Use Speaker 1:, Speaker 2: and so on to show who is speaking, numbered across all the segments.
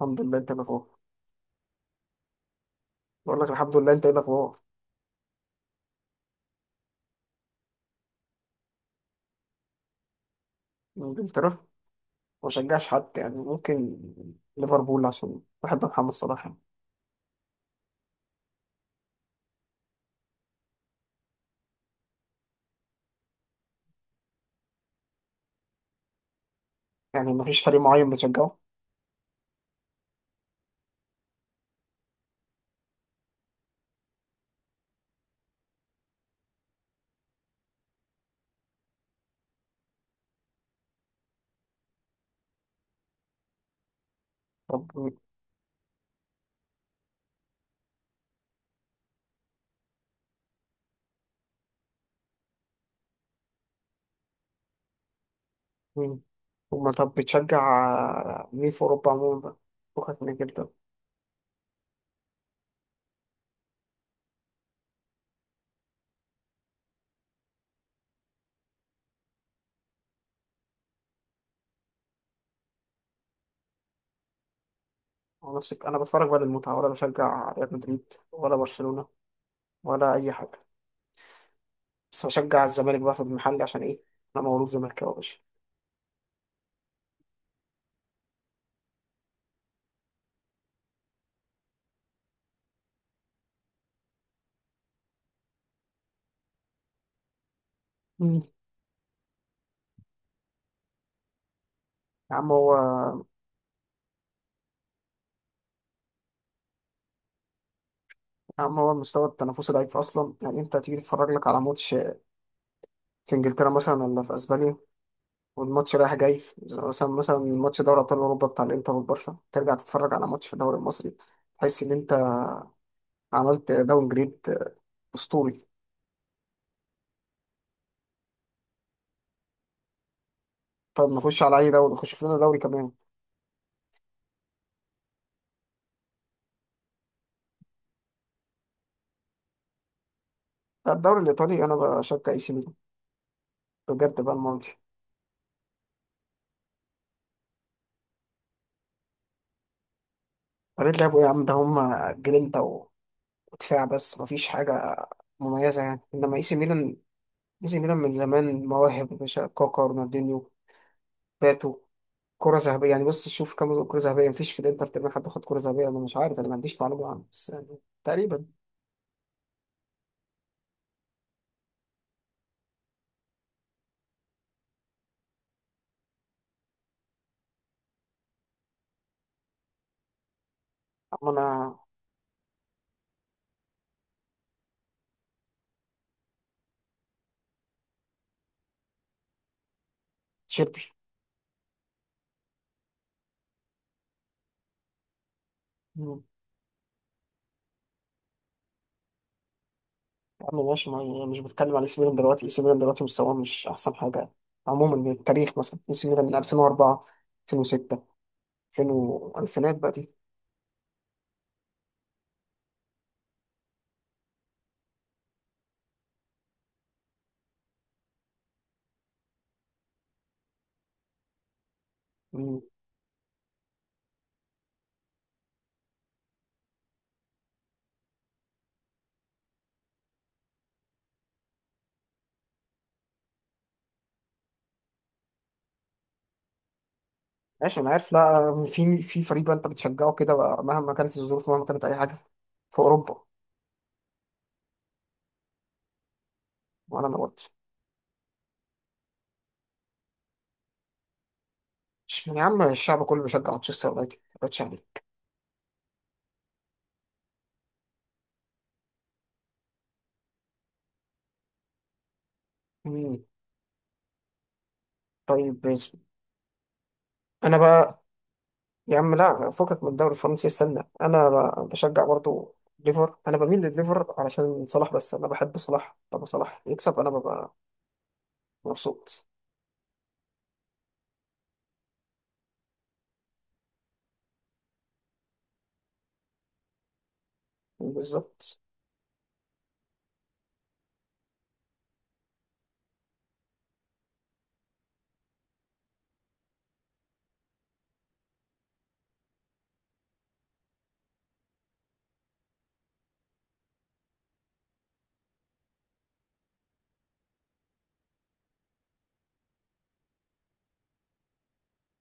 Speaker 1: الحمد لله. انت الاخبار؟ بقول لك الحمد لله، انت ايه الاخبار؟ انجلترا؟ ما بشجعش حد يعني. ممكن ليفربول عشان بحب محمد صلاح يعني. يعني ما فيش فريق معين بتشجعه؟ طب م- مين؟ وما طب بتشجع مين في اوروبا عموما بقى؟ فكك من انجلترا. هو نفسك انا بتفرج بقى للمتعه، ولا بشجع ريال مدريد ولا برشلونه، ولا اي حاجه؟ بس بشجع الزمالك بقى في المحل، عشان ايه؟ انا مولود زملكاوي يا باشا. مم. يا عم هو يا عم هو المستوى التنافسي ضعيف اصلا، يعني انت هتيجي تتفرج لك على ماتش في انجلترا مثلا ولا في اسبانيا، والماتش رايح جاي، زي مثلا ماتش دوري ابطال اوروبا بتاع الانتر والبرشا، ترجع تتفرج على ماتش في الدوري المصري، تحس ان انت عملت داون جريد اسطوري. طب نخش على اي دوري؟ نخش في لنا دوري كمان. لا، الدوري الايطالي انا بشجع اي سي ميلان بجد بقى المره دي. طريقه لعبوا ايه يا عم؟ ده هم جرينتا و- ودفاع بس، مفيش حاجه مميزه يعني، انما اي سي ميلان، اي سي ميلان من زمان مواهب، مش كاكا، رونالدينيو، باتو؟ كرة ذهبية يعني، بص شوف كام كرة ذهبية. مفيش في الانتر تقريبا حد خد كرة ذهبية. انا مش عارف، انا ما عنديش معلومة عنه بس يعني تقريبا. اما انا. تشيربي. مم. يا عم ماشي، ما يعني مش بتكلم على اي سي ميلان دلوقتي. اي سي ميلان دلوقتي مستواه مش احسن حاجة، عموما من التاريخ. مثلا اي سي ميلان من 2004، 2006، 2000، الفينات بقى دي. مم. ماشي انا عارف. لا، في في فريق بقى انت بتشجعه كده بقى، مهما كانت الظروف، مهما كانت اي حاجة، في اوروبا؟ وانا ما قلتش. مش يا عم، الشعب كله بيشجع مانشستر يونايتد، ما بقتش عليك. مم. طيب. انا بقى يا عم، لا فكك من الدوري الفرنسي، استنى. بشجع برضو ليفر، انا بميل لليفر علشان صلاح، بس انا بحب صلاح. لما صلاح يكسب انا ببقى مبسوط. بالظبط.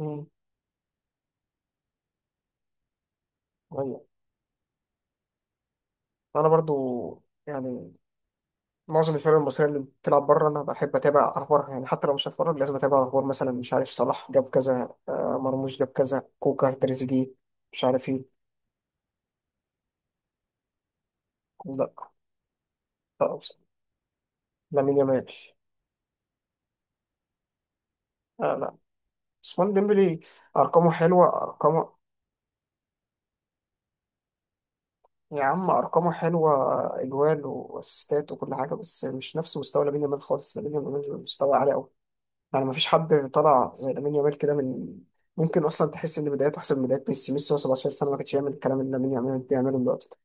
Speaker 1: مم. ايوه انا برضو يعني معظم الفرق المصريه اللي بتلعب بره انا بحب اتابع اخبارها يعني. حتى لو مش هتفرج لازم اتابع اخبار، مثلا مش عارف صلاح جاب كذا، مرموش جاب كذا، كوكا، تريزيجيه، مش عارف ايه. لا. لا. لامين يامال. لا عثمان ديمبلي. ارقامه حلوه، ارقامه. يا عم أرقامه حلوة، إجوال وأسيستات وكل حاجة، بس مش نفس مستوى لامين يامال خالص. لامين يامال مستوى عالي أوي، يعني مفيش حد طلع زي لامين يامال كده من. ممكن أصلا تحس إن بدايته أحسن من بدايات ميسي. وهو 17 سنة ما كانش يعمل الكلام اللي لامين يامال بيعمله دلوقتي ده.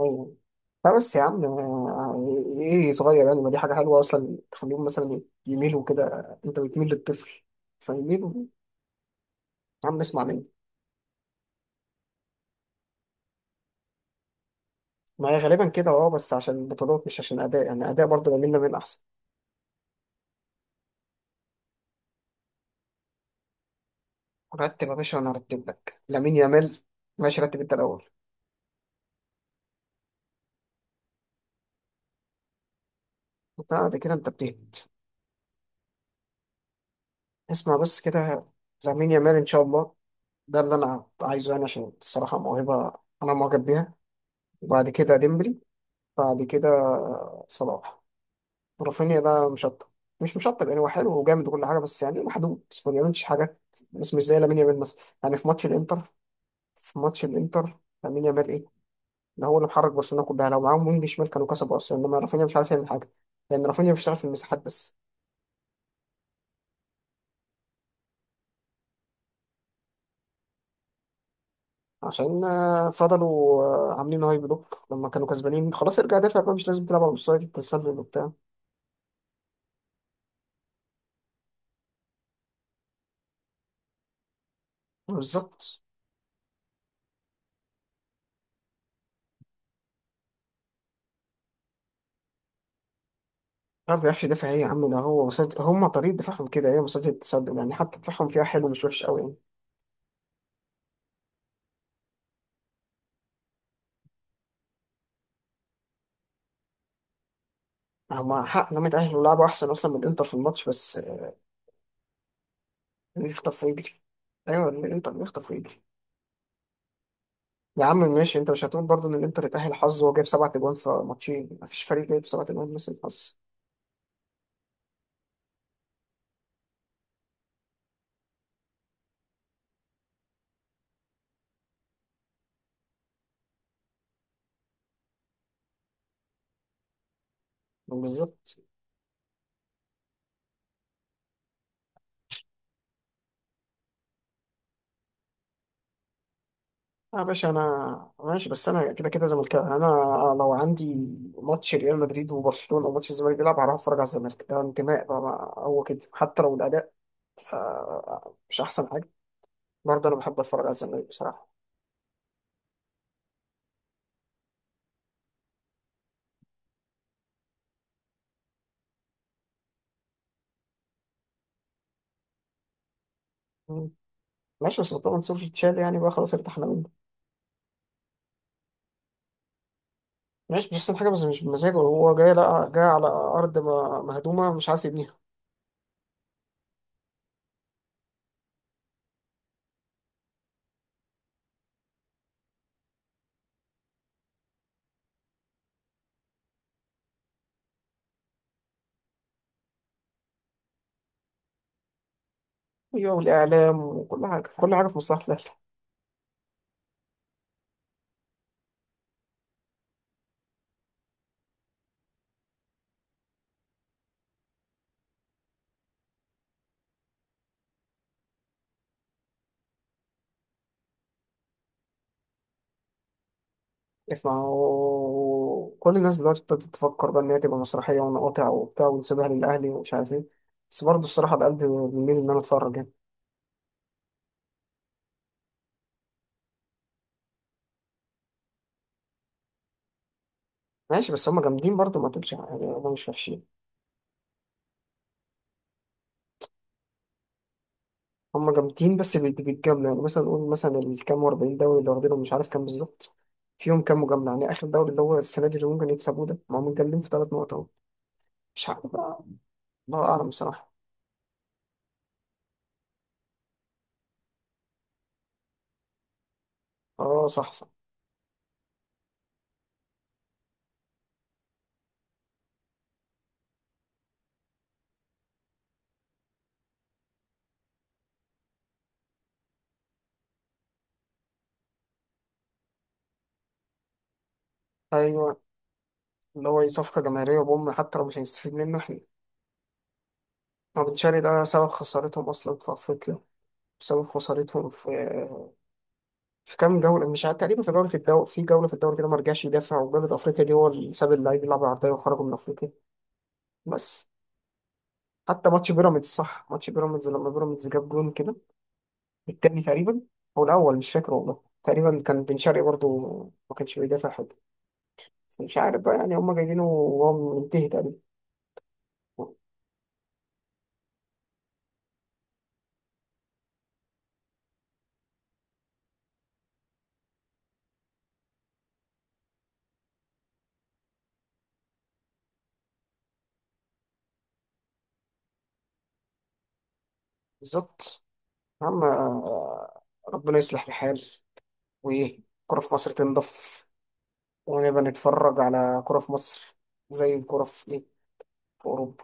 Speaker 1: أيوة. لا بس يا عم، إيه صغير؟ يعني ما دي حاجة حلوة أصلا، تخليهم مثلا يميلوا كده. أنت بتميل للطفل فيميلوا. يا عم اسمع مني. ما هي غالبا كده، أه، بس عشان بطولات مش عشان أداء. يعني أداء برضه لامين يامال أحسن. رتب يا باشا، وانا هرتب لك لامين يامال. ماشي، رتب انت الاول. بعد كده انت بتهبط. اسمع بس كده. لامين يامال ان شاء الله، ده اللي انا عايزه يعني، عشان الصراحه موهبه انا معجب بيها. وبعد كده ديمبلي. بعد كده صلاح. رافينيا ده مشطب، مش مشطب يعني، هو حلو وجامد وكل حاجه، بس يعني محدود، ما بيعملش حاجات، بس مش زي لامين يامال مثلا، يعني في ماتش الانتر، في ماتش الانتر لامين يامال ايه؟ ده هو اللي محرك برشلونه كلها. لو معاهم وينج شمال كانوا كسبوا اصلا، انما رافينيا مش عارف يعمل حاجه، لان رافينيا بيشتغل في المساحات بس. عشان فضلوا عاملين هاي بلوك لما كانوا كسبانين خلاص. ارجع دافع بقى، مش لازم تلعب على الاوفسايد، التسلل وبتاع. بالظبط. ما بيعرفش يدافع ايه يا عم؟ ده هو هم طريقه دفاعهم كده ايه، مصيدة التسلل يعني، حتى دفاعهم فيها حلو، مش وحش قوي. يعني هم حق انهم يتأهلوا، لعبوا احسن اصلا من الانتر في الماتش، بس آه. بيخطف ويجري. ايوه الانتر بيخطف ويجري. يا عم ماشي، انت مش هتقول برضه ان الانتر اتأهل حظ وهو جايب 7 اجوان في ماتشين؟ مفيش فريق جايب 7 اجوان مثل الحظ. بالظبط. اه يا باشا انا ماشي، بس انا كده كده زملكاوي يعني. انا لو عندي ماتش ريال مدريد وبرشلونة او ماتش الزمالك بيلعب، هروح اتفرج على الزمالك، ده انتماء بقى. ما هو كده، حتى لو الاداء مش احسن حاجة، برضه انا بحب اتفرج على الزمالك بصراحة. مم. ماشي، بس طبعا سوري تشاد يعني بقى خلاص، ارتحنا منه. ماشي مش احسن حاجة، بس مش بمزاجه. هو جاي، لا جاي على ارض مهدومة مش عارف يبنيها. ايوه، والاعلام وكل حاجه، كل حاجه في مصلحه الاهلي. ما هو كل الناس دلوقتي ابتدت تفكر بقى ان هي تبقى مسرحيه، ونقاطع وبتاع، ونسيبها للاهلي، ومش عارف ايه، بس برضه الصراحه ده قلبي بيميل ان انا اتفرج يعني. ماشي بس هم جامدين برضه، ما تقولش يعني هم مش وحشين. هم جامدين، بس بالجمله يعني. مثلا نقول مثلا الكام و40 دوري اللي واخدينهم، مش عارف كام بالظبط، فيهم كام مجامله يعني. اخر دوري اللي هو السنه دي اللي ممكن يكسبوه ده، ما هم متجاملين في 3 نقط اهو. مش عارف بقى، الله اعلم بصراحه. اه صح صح. ايوه اللي هو صفقة جماهيرية بوم، حتى لو مش هنستفيد منه احنا. هو بن شرقي ده سبب خسارتهم أصلا في أفريقيا، سبب خسارتهم في في كام جولة. مش عارف تقريبا، في جولة الدوري، في جولة في الدوري كده ما رجعش يدافع، وجولة أفريقيا دي هو اللي ساب اللعيب يلعب عرضية وخرجوا من أفريقيا. بس حتى ماتش بيراميدز، صح، ماتش بيراميدز لما بيراميدز جاب جون كده التاني تقريبا، هو الأول مش فاكر والله تقريبا كان بن شرقي برضه، ما كانش بيدافع حد. مش عارف بقى يعني، هما جايبينه وهو منتهي تقريبا. بالظبط. يا عم ربنا يصلح الحال، وايه الكرة في مصر تنضف، ونبقى نتفرج على كرة في مصر زي الكرة في ايه، في اوروبا،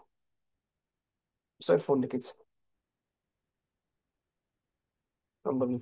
Speaker 1: زي الفل كده. يلا بينا.